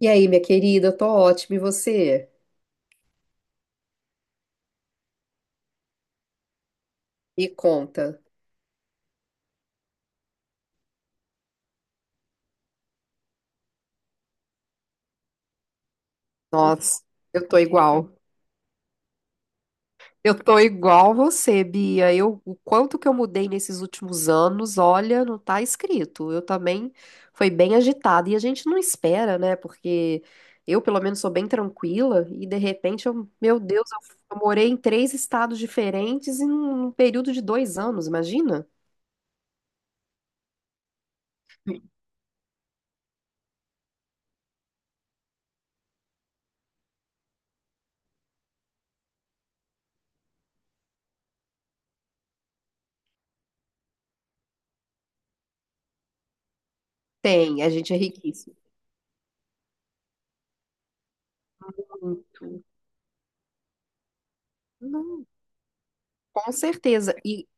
E aí, minha querida, eu tô ótima. E você? Me conta. Nossa, eu tô igual. Eu tô igual você, Bia. Eu, o quanto que eu mudei nesses últimos anos, olha, não tá escrito. Eu também foi bem agitada e a gente não espera, né? Porque eu, pelo menos, sou bem tranquila e de repente eu, meu Deus, eu morei em 3 estados diferentes em um período de 2 anos, imagina? Tem, a gente é riquíssimo. Muito. Com certeza. E,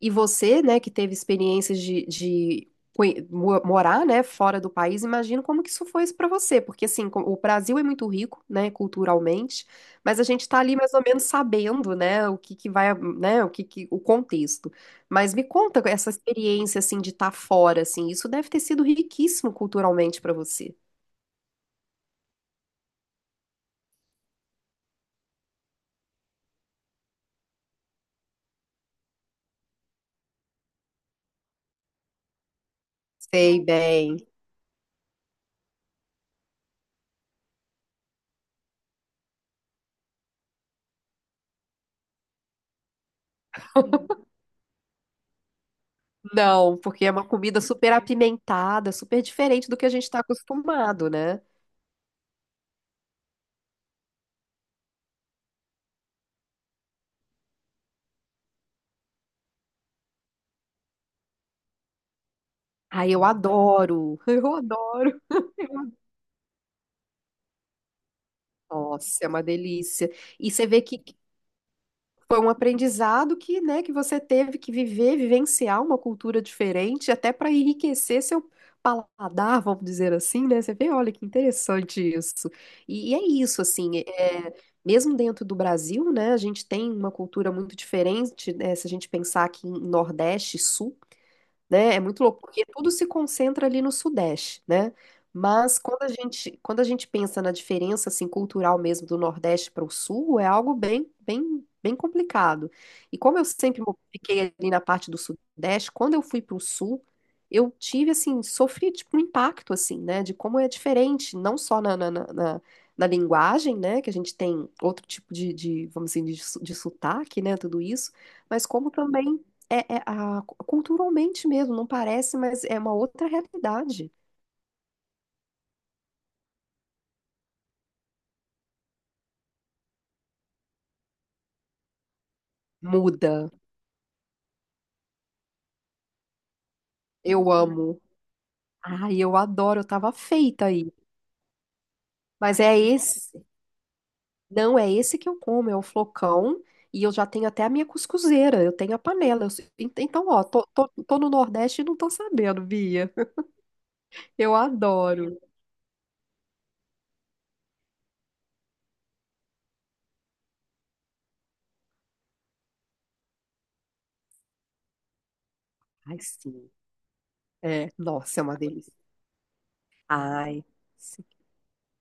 e você, né, que teve experiências de morar, né, fora do país, imagino como que isso foi para você, porque assim, o Brasil é muito rico, né, culturalmente, mas a gente está ali mais ou menos sabendo, né, o que que vai, né, o que que, o contexto. Mas me conta essa experiência assim de estar fora, assim, isso deve ter sido riquíssimo culturalmente para você. Sei bem. Não, porque é uma comida super apimentada, super diferente do que a gente está acostumado, né? Ai, eu adoro, eu adoro. Nossa, é uma delícia. E você vê que foi um aprendizado que, né, que você teve que viver, vivenciar uma cultura diferente, até para enriquecer seu paladar, vamos dizer assim, né? Você vê, olha que interessante isso. E é isso, assim, é, mesmo dentro do Brasil, né, a gente tem uma cultura muito diferente, né, se a gente pensar aqui em Nordeste e Sul. Né? É muito louco, porque tudo se concentra ali no Sudeste, né? Mas quando a gente pensa na diferença assim cultural mesmo do Nordeste para o Sul, é algo bem, bem, bem complicado. E como eu sempre fiquei ali na parte do Sudeste, quando eu fui para o Sul, eu tive assim, sofri tipo um impacto assim, né? De como é diferente, não só na linguagem, né? Que a gente tem outro tipo de vamos dizer, de, de sotaque, né? Tudo isso, mas como também é, é a, culturalmente mesmo, não parece, mas é uma outra realidade. Muda. Eu amo. Ai, eu adoro, eu tava feita aí. Mas é esse, não é esse que eu como, é o flocão. E eu já tenho até a minha cuscuzeira, eu tenho a panela. Então, ó, tô no Nordeste e não tô sabendo, Bia. Eu adoro. Ai, sim. É, nossa, é uma delícia. Ai, sim.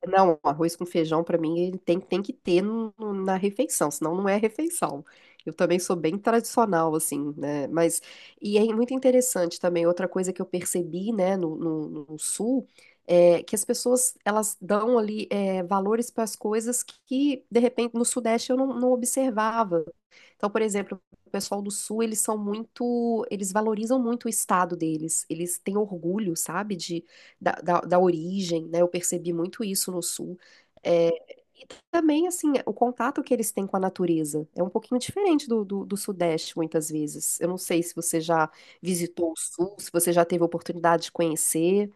Não, arroz com feijão pra mim ele tem, tem que ter na refeição, senão não é refeição. Eu também sou bem tradicional, assim, né? Mas, e é muito interessante também, outra coisa que eu percebi, né, no Sul, é que as pessoas, elas dão ali é, valores para as coisas que, de repente, no Sudeste eu não observava, então, por exemplo, o pessoal do Sul, eles são muito, eles valorizam muito o estado deles. Eles têm orgulho, sabe, de, da origem, né? Eu percebi muito isso no Sul. É, e também, assim, o contato que eles têm com a natureza é um pouquinho diferente do Sudeste, muitas vezes. Eu não sei se você já visitou o Sul, se você já teve a oportunidade de conhecer.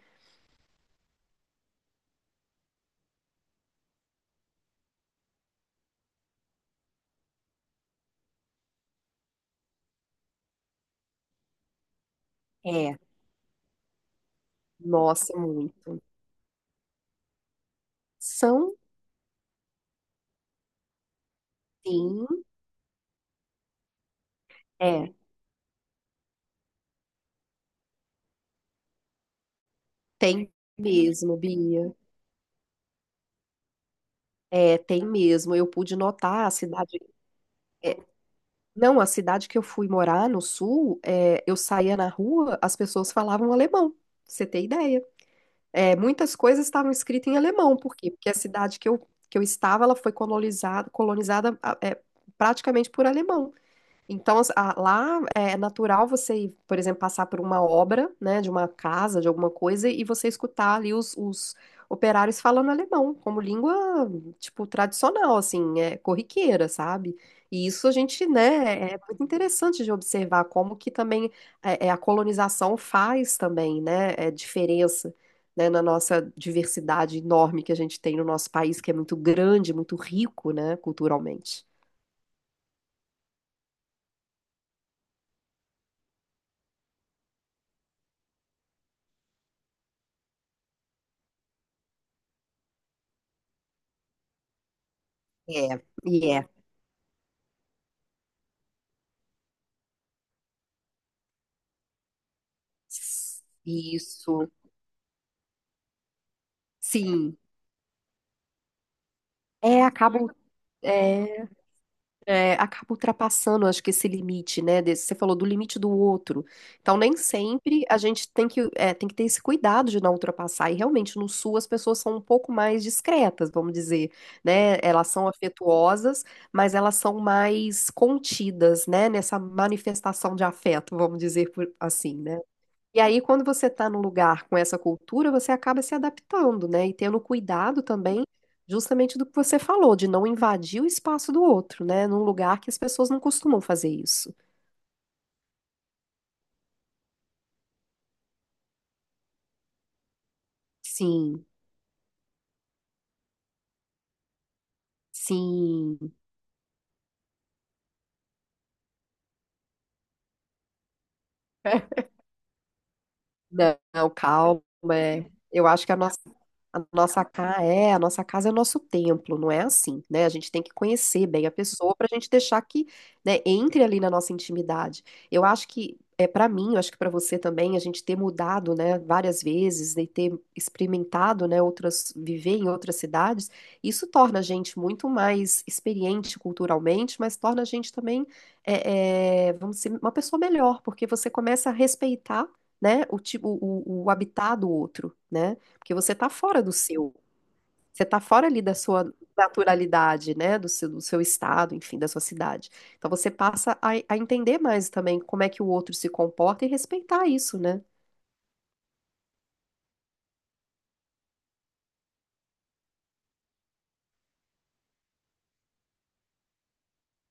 É, nossa, muito. São, sim, é, tem mesmo, Bia. É, tem mesmo. Eu pude notar a cidade. É, não, a cidade que eu fui morar no sul, é, eu saía na rua, as pessoas falavam alemão. Pra você tem ideia? É, muitas coisas estavam escritas em alemão. Por quê? Porque a cidade que eu estava, ela foi colonizada, colonizada ah, é, praticamente por alemão. Então, lá é natural você, ir, por exemplo, passar por uma obra, né, de uma casa, de alguma coisa, e você escutar ali os operários falando alemão, como língua, tipo, tradicional, assim, é corriqueira, sabe? E isso a gente, né, é muito interessante de observar como que também é, é, a colonização faz também, né, é, diferença, né, na nossa diversidade enorme que a gente tem no nosso país, que é muito grande, muito rico, né, culturalmente. É, e é. Isso, sim. É, acaba, é, é, acaba ultrapassando, acho que esse limite, né? Você falou do limite do outro. Então, nem sempre a gente tem que, é, tem que ter esse cuidado de não ultrapassar. E realmente, no Sul, as pessoas são um pouco mais discretas, vamos dizer, né? Elas são afetuosas, mas elas são mais contidas, né? Nessa manifestação de afeto, vamos dizer assim, né. E aí, quando você está num lugar com essa cultura, você acaba se adaptando, né? E tendo cuidado também, justamente do que você falou, de não invadir o espaço do outro, né? Num lugar que as pessoas não costumam fazer isso. Sim, sim. Não, calma. É. Eu acho que a nossa casa é, a nossa casa é o nosso templo, não é assim, né? A gente tem que conhecer bem a pessoa para a gente deixar que, né, entre ali na nossa intimidade. Eu acho que é para mim, eu acho que para você também, a gente ter mudado, né, várias vezes e ter experimentado, né, outras, viver em outras cidades, isso torna a gente muito mais experiente culturalmente, mas torna a gente também, é, é, vamos dizer, uma pessoa melhor, porque você começa a respeitar né, o tipo, o habitar do outro, né? Porque você tá fora do seu, você tá fora ali da sua naturalidade, né, do seu estado, enfim, da sua cidade. Então você passa a entender mais também como é que o outro se comporta e respeitar isso, né?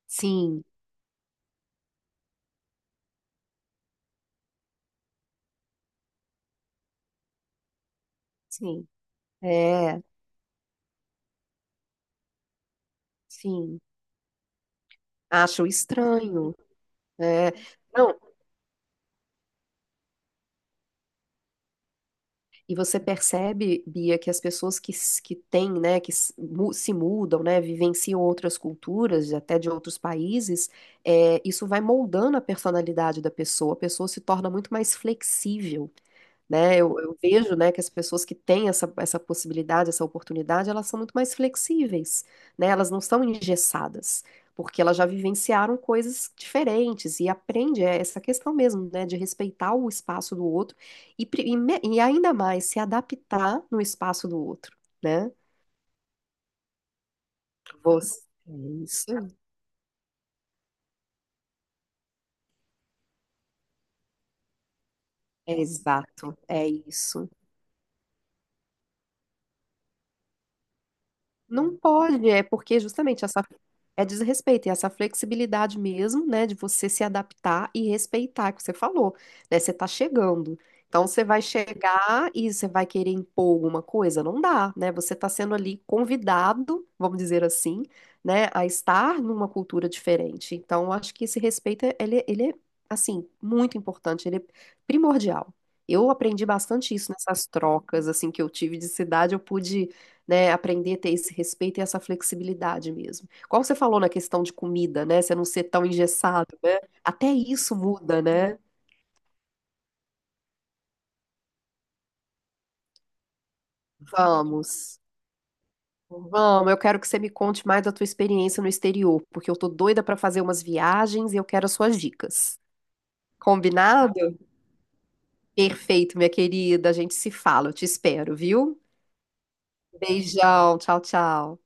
Sim, sim, é, sim. Acho estranho, é. Não, e você percebe, Bia, que as pessoas que, que têm, né, que se mudam, né, vivenciam outras culturas, até de outros países, é, isso vai moldando a personalidade da pessoa. A pessoa se torna muito mais flexível né? Eu vejo, né, que as pessoas que têm essa, essa possibilidade, essa oportunidade, elas são muito mais flexíveis, né? Elas não são engessadas, porque elas já vivenciaram coisas diferentes e aprende é, essa questão mesmo, né, de respeitar o espaço do outro e, e ainda mais se adaptar no espaço do outro, né? Você, é isso, é exato, é isso. Não pode, é porque justamente essa é desrespeito, e essa flexibilidade mesmo, né, de você se adaptar e respeitar, que você falou, né, você tá chegando. Então você vai chegar e você vai querer impor alguma coisa, não dá, né? Você tá sendo ali convidado, vamos dizer assim, né, a estar numa cultura diferente. Então eu acho que esse respeito ele, ele é assim, muito importante, ele é primordial. Eu aprendi bastante isso nessas trocas assim que eu tive de cidade, eu pude né, aprender a ter esse respeito e essa flexibilidade mesmo. Qual você falou na questão de comida, né, você não ser tão engessado, né? Até isso muda, né? Vamos. Vamos, eu quero que você me conte mais da tua experiência no exterior, porque eu tô doida para fazer umas viagens e eu quero as suas dicas. Combinado? Perfeito, minha querida. A gente se fala, eu te espero, viu? Beijão, tchau, tchau.